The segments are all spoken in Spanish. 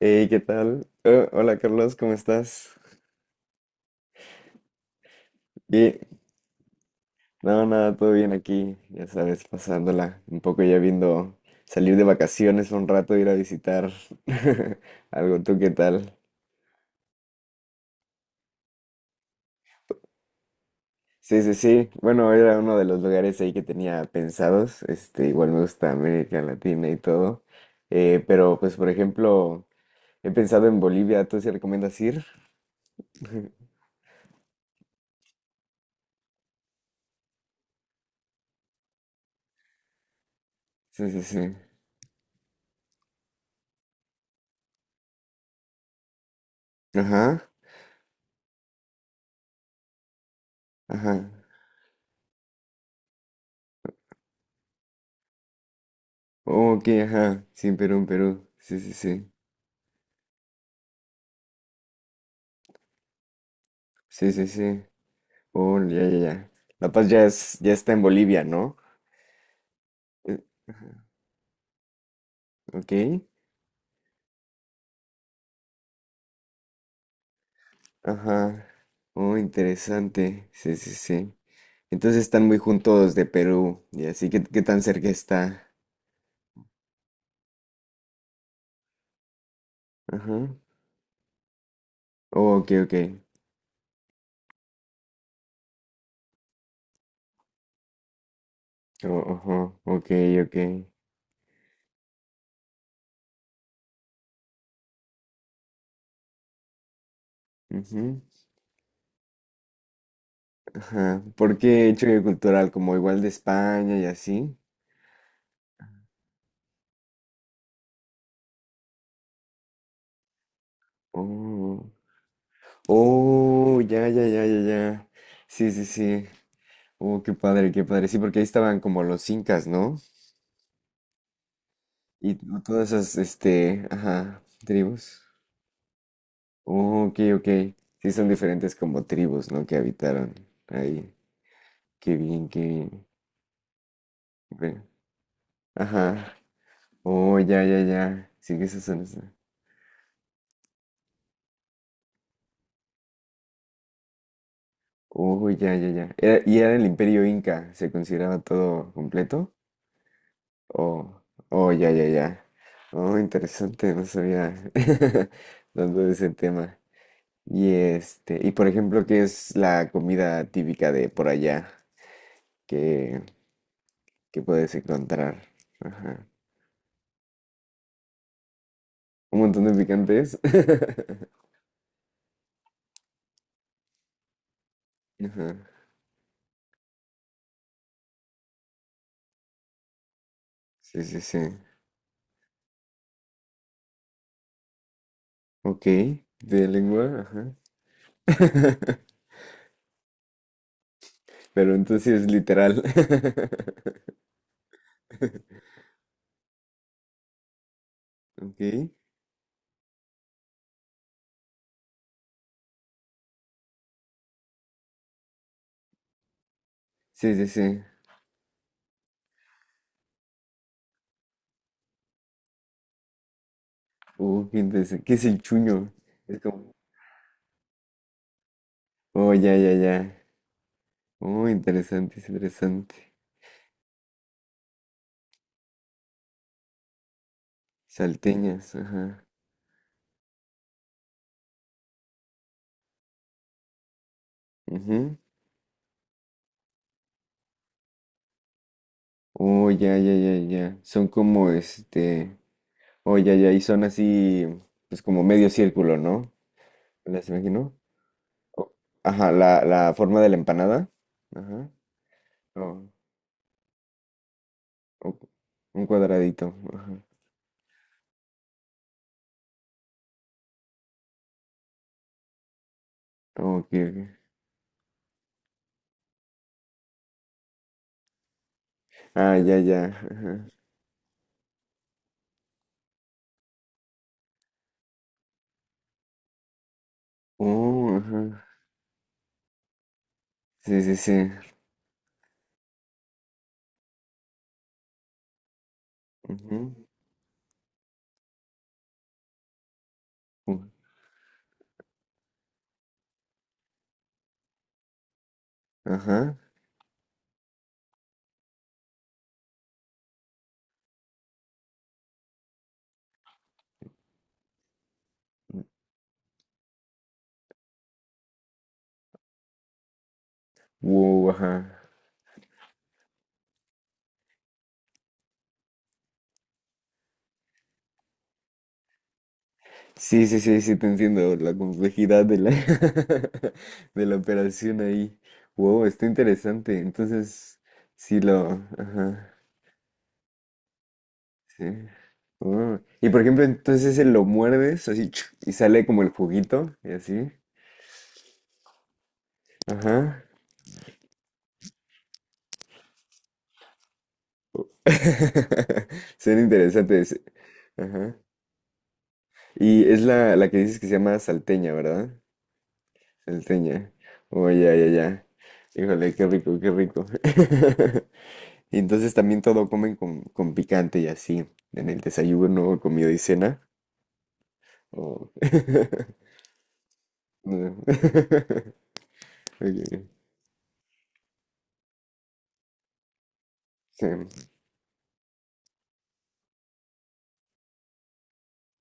Hey, ¿qué tal? Oh, hola Carlos, ¿cómo estás? Bien, no, nada, todo bien aquí, ya sabes, pasándola un poco ya viendo salir de vacaciones un rato, ir a visitar algo, ¿tú qué tal? Sí, sí, sí, bueno, era uno de los lugares ahí que tenía pensados, igual me gusta América Latina y todo, pero pues por ejemplo, he pensado en Bolivia, ¿tú sí recomiendas ir? Sí, sí, sí, ajá, ajá, oh, ok, ajá, sí, Perú, Perú, sí, sí, sí. Sí, sí, sí. Oh, ya, ya, ya. La Paz ya es, ya está en Bolivia, ¿no? Eh, ajá, ok. Ajá. Oh, interesante. Sí, sí, sí. Entonces están muy juntos de Perú. Y así, ¿qué, qué tan cerca está? Ajá. Oh, ok, ok. Oh, ajá. Ok, ok. Ujú. Ajá. ¿Por qué choque cultural? Como igual de España y así. Oh. Oh, ya, ya, ya, ya, ya. Sí, sí, sí. Oh, qué padre, qué padre. Sí, porque ahí estaban como los incas, ¿no? Y todas esas, ajá, tribus. Oh, ok, ok. Sí, son diferentes como tribus, ¿no? Que habitaron ahí. Qué bien, qué bien. Ve- Ajá. Oh, ya, ya, ya. Sí, que esas son esas. Oh, ya, ya, ya. Y era el imperio inca. ¿Se consideraba todo completo? Oh, oh, ya, ya, ya. Oh, interesante. No sabía tanto de ese tema. Y y por ejemplo, ¿qué es la comida típica de por allá que, que puedes encontrar? Ajá. Un montón de picantes. Ajá. Sí, sí, sí. Ok. De lengua, ajá. Pero entonces sí es literal. Ok. Sí, sí, sí. Qué interesante. ¿Qué es el chuño? Es como. Oh, ya, ya, ya. Oh, interesante, es interesante. Salteñas, ajá. Ujú. Oh, ya, ya, ya, ya. Son como Oh, ya, ya. Y son así, pues como medio círculo, ¿no? ¿Las imagino? O- Ajá, la forma de la empanada. Ajá. o- o un cuadradito. Ajá. Oh, ok, ok. Ah, ya, ya. Ajá. Oh, ajá. Sí, sí, sí. Ujú. Uh, Ajá. Wow, ajá. Sí, sí, sí, sí, te entiendo la complejidad de de la operación ahí. Wow, está interesante. Entonces, sí lo... Ajá, sí. Oh, y por ejemplo, entonces ese lo muerdes así chuc, y sale como el juguito y así. Ajá. Suena interesante. Ese. Ajá. Y es la que dices que se llama salteña, ¿verdad? Salteña. Oh, ya, ya, ya. Híjole, qué rico, qué rico. Y entonces también todo comen con picante y así, en el desayuno, comida y cena. o- No. Ok, sí,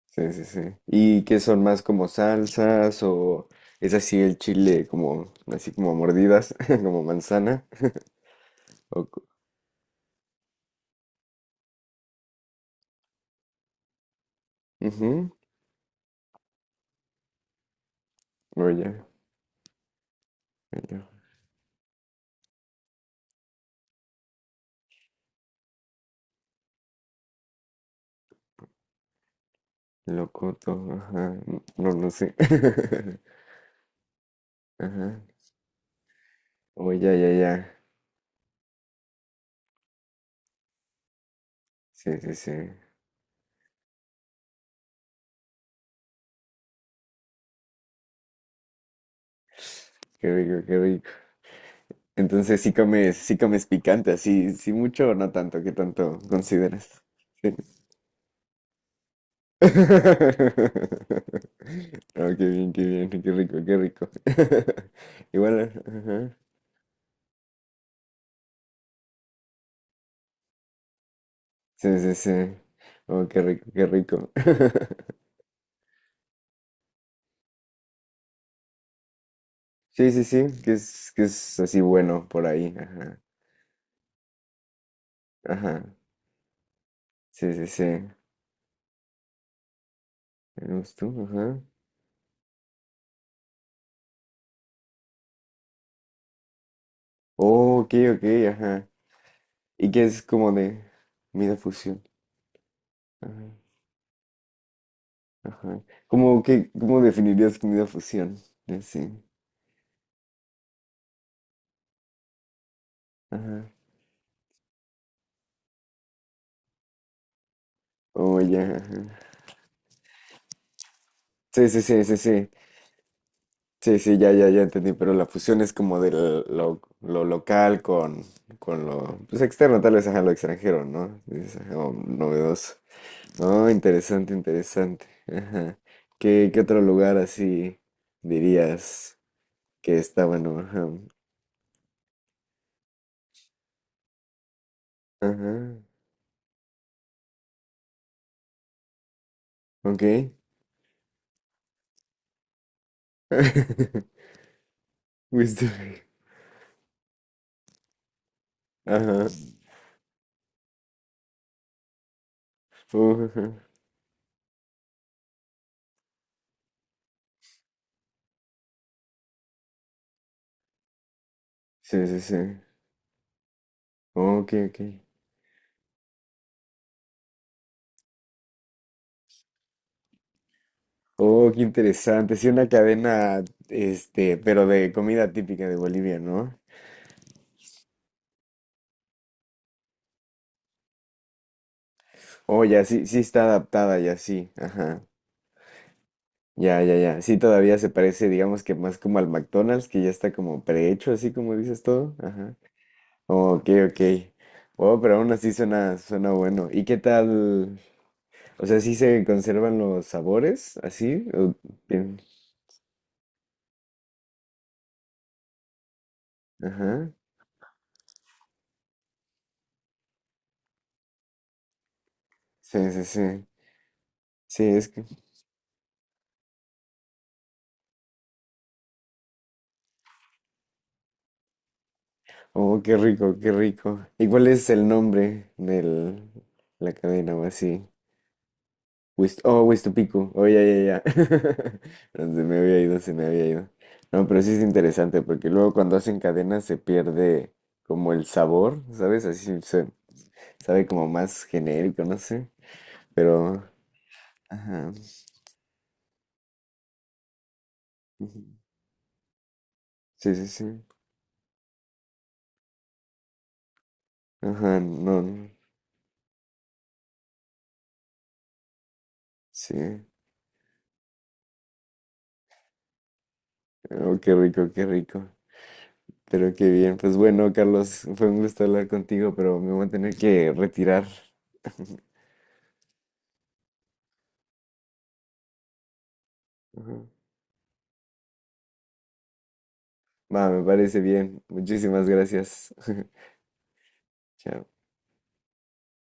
sí, sí, sí. ¿Y qué son más como salsas o es así el chile como así como a mordidas, como manzana? O, co- ujú, oye, oye, locoto, ajá, no, no sé. Ajá. Oye, ya, ya, ya. Sí, sí, sí. Qué rico, qué rico. Entonces sí comes picante, así, sí mucho o no tanto, ¿qué tanto consideras? Sí. Oh, qué bien, qué bien, qué rico, qué rico. Igual, ajá. Sí, sí, sí. Oh, qué rico, qué rico. Sí, sí, sí, que es así bueno por ahí, ajá, ajá. Sí, sí, sí. ¿Eres tú? Ajá. Oh, ok, ok, ajá. ¿Y qué es como de comida fusión? Ajá. Ajá. ¿Cómo que, cómo definirías comida fusión? Sí. Ajá. Oh, ya, ajá. Sí, sí, sí, sí, sí. Sí, sí, ya, ya, ya entendí. Pero la fusión es como de lo local con lo pues, externo, tal vez, ajá, lo extranjero, ¿no? Es algo novedoso. Oh, interesante, interesante. Ajá. ¿Qué, qué otro lugar así dirías que está bueno? Ajá. Ajá. Ok. Fuiste- Ajá. Ujú. Sí, sí, sí. Oh, ok, ok. Oh, qué interesante. Sí, una cadena, pero de comida típica de Bolivia, ¿no? Oh, ya, sí, sí está adaptada, ya sí. Ajá. Ya, ya, ya. Sí, todavía se parece, digamos que más como al McDonald's, que ya está como prehecho, así como dices todo. Ajá. Oh, ok, ok. Oh, pero aún así suena, suena bueno. ¿Y qué tal? O sea, ¿sí se conservan los sabores así? ¿O bien? Ajá. Sí, sí, sí. Sí, es que. Oh, qué rico, qué rico. ¿Y cuál es el nombre de la cadena o así? Oh, Huistupicu. Oh, ya, ya, ya. No, se me había ido, se me había ido. No, pero sí es interesante porque luego cuando hacen cadenas se pierde como el sabor, ¿sabes? Así se sabe como más genérico, no sé. Pero, ajá. Ujú. Sí, sí, sí. Ajá, no, no, sí. Oh, qué rico, qué rico. Pero qué bien, pues bueno, Carlos, fue un gusto hablar contigo, pero me voy a tener que retirar. Ujú. Va, me parece bien. Muchísimas gracias. Chao.